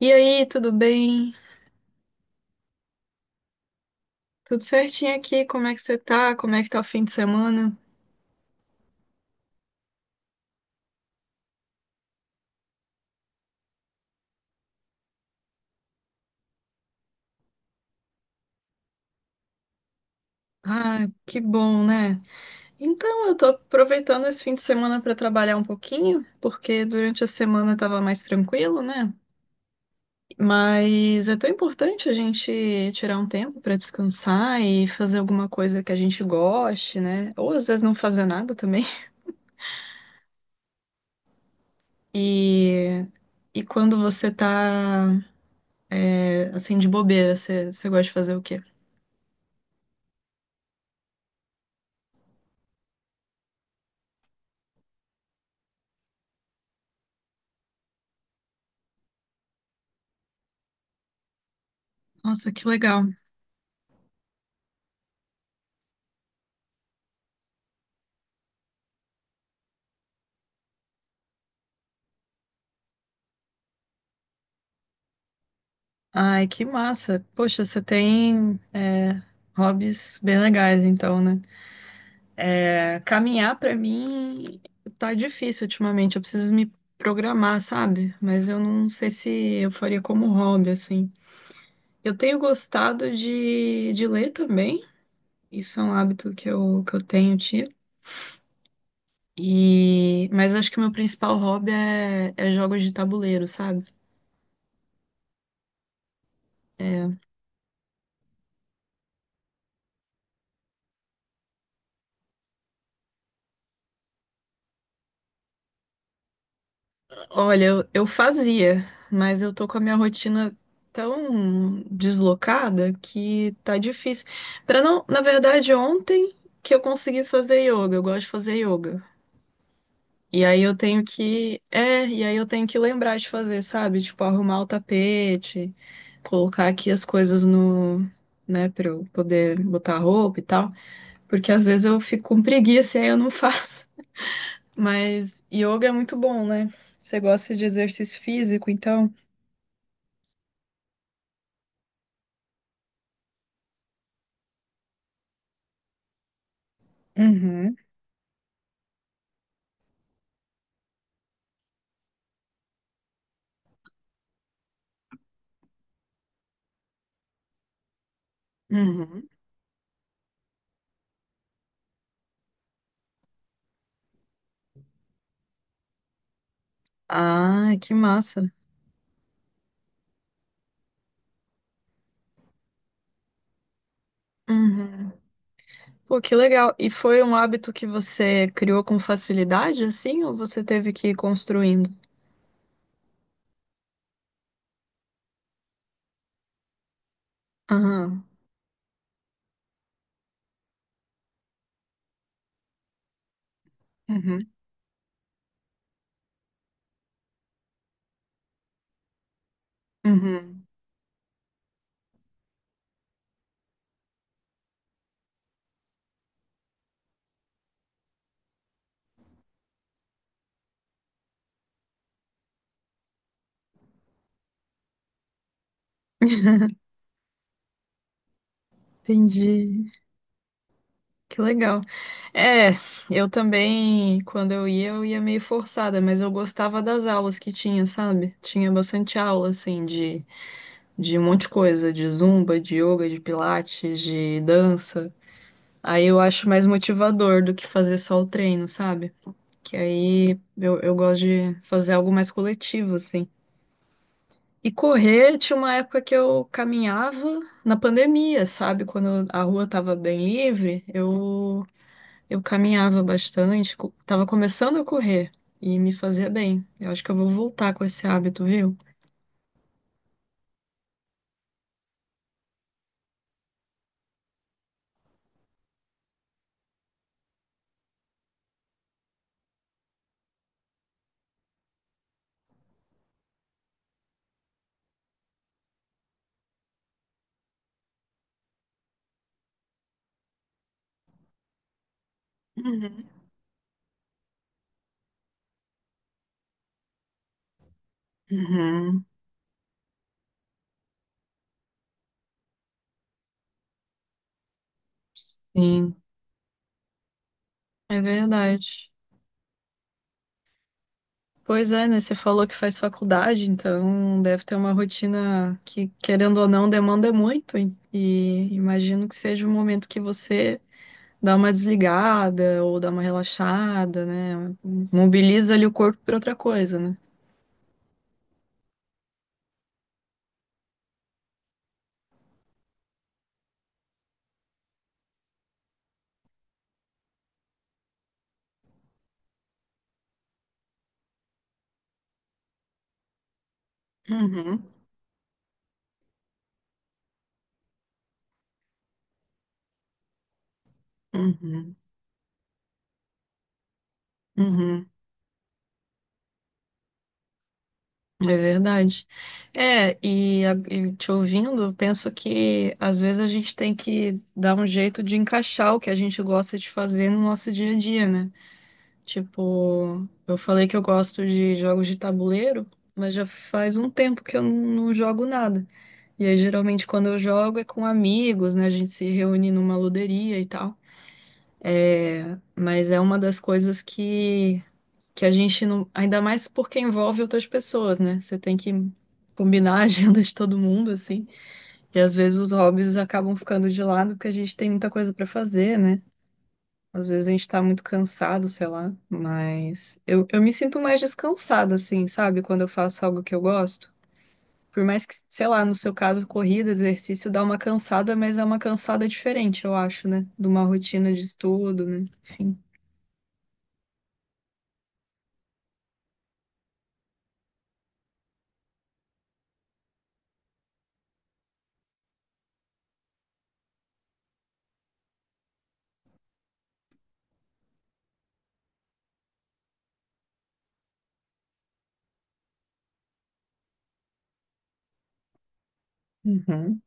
E aí, tudo bem? Tudo certinho aqui? Como é que você tá? Como é que tá o fim de semana? Ah, que bom, né? Então, eu tô aproveitando esse fim de semana para trabalhar um pouquinho, porque durante a semana tava mais tranquilo, né? Mas é tão importante a gente tirar um tempo para descansar e fazer alguma coisa que a gente goste, né? Ou às vezes não fazer nada também. E, e quando você tá, assim, de bobeira, você gosta de fazer o quê? Nossa, que legal. Ai, que massa. Poxa, você tem hobbies bem legais, então, né? É, caminhar pra mim tá difícil ultimamente. Eu preciso me programar, sabe? Mas eu não sei se eu faria como hobby, assim. Eu tenho gostado de ler também. Isso é um hábito que que eu tenho tido. Mas acho que o meu principal hobby é jogos de tabuleiro, sabe? Olha, eu fazia, mas eu tô com a minha rotina tão deslocada que tá difícil. Para não, na verdade, ontem que eu consegui fazer yoga, eu gosto de fazer yoga. E aí eu tenho que, e aí eu tenho que lembrar de fazer, sabe? Tipo, arrumar o tapete, colocar aqui as coisas no, né, pra eu poder botar roupa e tal, porque às vezes eu fico com preguiça e aí eu não faço. Mas yoga é muito bom, né? Você gosta de exercício físico, então uhum, uhum. Ah, que massa. Uhum. Pô, que legal. E foi um hábito que você criou com facilidade, assim, ou você teve que ir construindo? Aham. Uhum. Uhum. Entendi. Que legal. É, eu também, quando eu ia meio forçada, mas eu gostava das aulas que tinha, sabe? Tinha bastante aula, assim, de um monte de coisa, de zumba, de yoga, de pilates, de dança. Aí eu acho mais motivador do que fazer só o treino, sabe? Que aí eu gosto de fazer algo mais coletivo, assim. E correr, tinha uma época que eu caminhava na pandemia, sabe? Quando a rua tava bem livre, eu caminhava bastante, tava começando a correr e me fazia bem. Eu acho que eu vou voltar com esse hábito, viu? Uhum. Uhum. Sim, é verdade. Pois é, né? Você falou que faz faculdade, então deve ter uma rotina que, querendo ou não, demanda muito. E imagino que seja um momento que você dá uma desligada ou dá uma relaxada, né? Mobiliza ali o corpo para outra coisa, né? Uhum, uhum, uhum. É verdade. É, e te ouvindo, eu penso que às vezes a gente tem que dar um jeito de encaixar o que a gente gosta de fazer no nosso dia a dia, né? Tipo, eu falei que eu gosto de jogos de tabuleiro, mas já faz um tempo que eu não jogo nada. E aí, geralmente, quando eu jogo é com amigos, né? A gente se reúne numa luderia e tal. É, mas é uma das coisas que a gente não. Ainda mais porque envolve outras pessoas, né? Você tem que combinar a agenda de todo mundo, assim. E às vezes os hobbies acabam ficando de lado porque a gente tem muita coisa pra fazer, né? Às vezes a gente tá muito cansado, sei lá, mas eu me sinto mais descansada, assim, sabe? Quando eu faço algo que eu gosto. Por mais que, sei lá, no seu caso, corrida, exercício, dá uma cansada, mas é uma cansada diferente, eu acho, né? De uma rotina de estudo, né? Enfim. Uhum.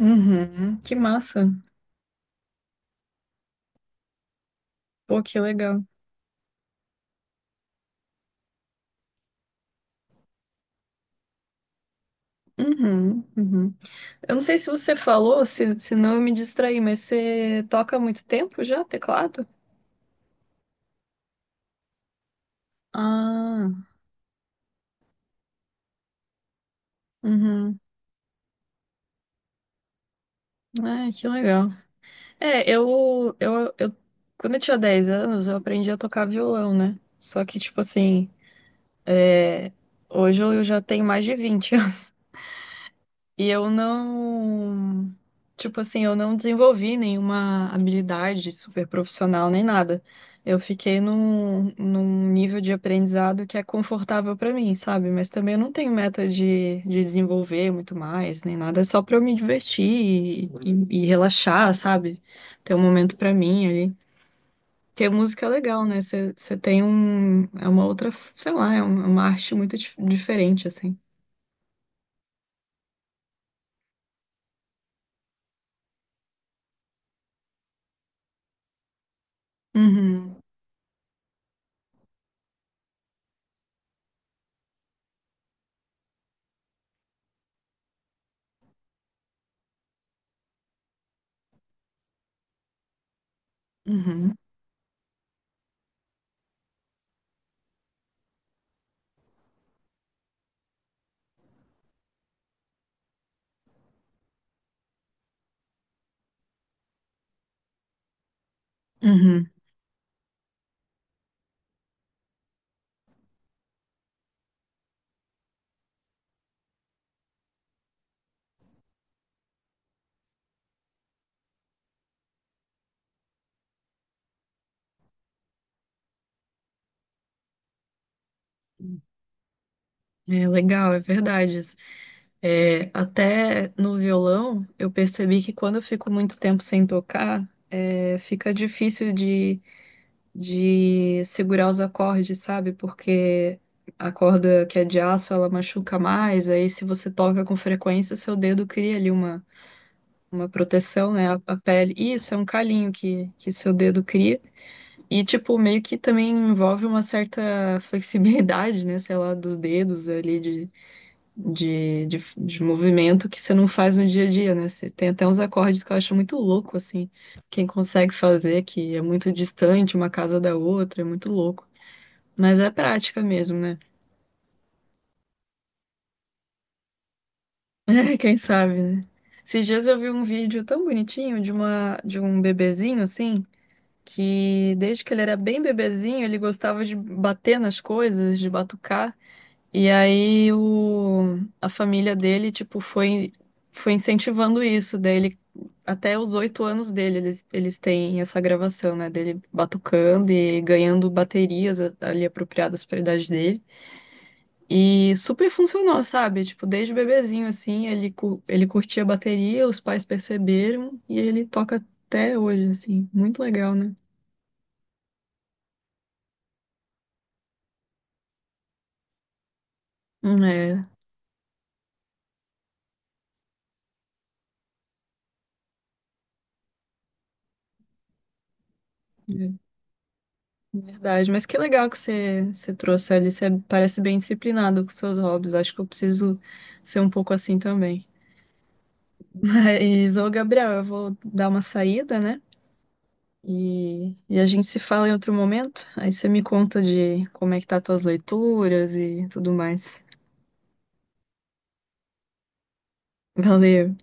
Uhum. Que massa. Pô, que legal. Uhum. Uhum. Eu não sei se você falou, se não eu me distraí, mas você toca há muito tempo já, teclado? Ah, uhum. Ah, que legal. É, eu, quando eu tinha 10 anos, eu aprendi a tocar violão, né? Só que, tipo assim, é, hoje eu já tenho mais de 20 anos. E eu não, tipo assim, eu não desenvolvi nenhuma habilidade super profissional nem nada. Eu fiquei num, num nível de aprendizado que é confortável pra mim, sabe? Mas também eu não tenho meta de desenvolver muito mais, nem nada. É só pra eu me divertir e relaxar, sabe? Ter um momento pra mim ali. Que música é legal, né? Você você tem um. É uma outra. Sei lá, é uma arte muito diferente, assim. Uhum, uhum, uhum. É legal, é verdade. Isso. É, até no violão, eu percebi que quando eu fico muito tempo sem tocar, é, fica difícil de segurar os acordes, sabe? Porque a corda que é de aço, ela machuca mais. Aí, se você toca com frequência, seu dedo cria ali uma proteção, né, a pele. E isso, é um calinho que seu dedo cria. E, tipo, meio que também envolve uma certa flexibilidade, né, sei lá, dos dedos ali, de movimento que você não faz no dia a dia, né? Você tem até uns acordes que eu acho muito louco, assim, quem consegue fazer, que é muito distante uma casa da outra, é muito louco. Mas é prática mesmo, né? Quem sabe, né? Esses dias eu vi um vídeo tão bonitinho de de um bebezinho, assim, que desde que ele era bem bebezinho, ele gostava de bater nas coisas, de batucar. E aí a família dele, tipo, foi incentivando isso. Daí ele, até os 8 anos dele, eles têm essa gravação, né? Dele batucando e ganhando baterias ali apropriadas para a idade dele. E super funcionou, sabe? Tipo, desde bebezinho, assim, ele curtia a bateria, os pais perceberam e ele toca até hoje, assim. Muito legal, né? É, é, verdade, mas que legal que você trouxe ali. Você parece bem disciplinado com seus hobbies. Acho que eu preciso ser um pouco assim também. Mas, ô Gabriel, eu vou dar uma saída, né? E a gente se fala em outro momento. Aí você me conta de como é que tá as tuas leituras e tudo mais. Valeu.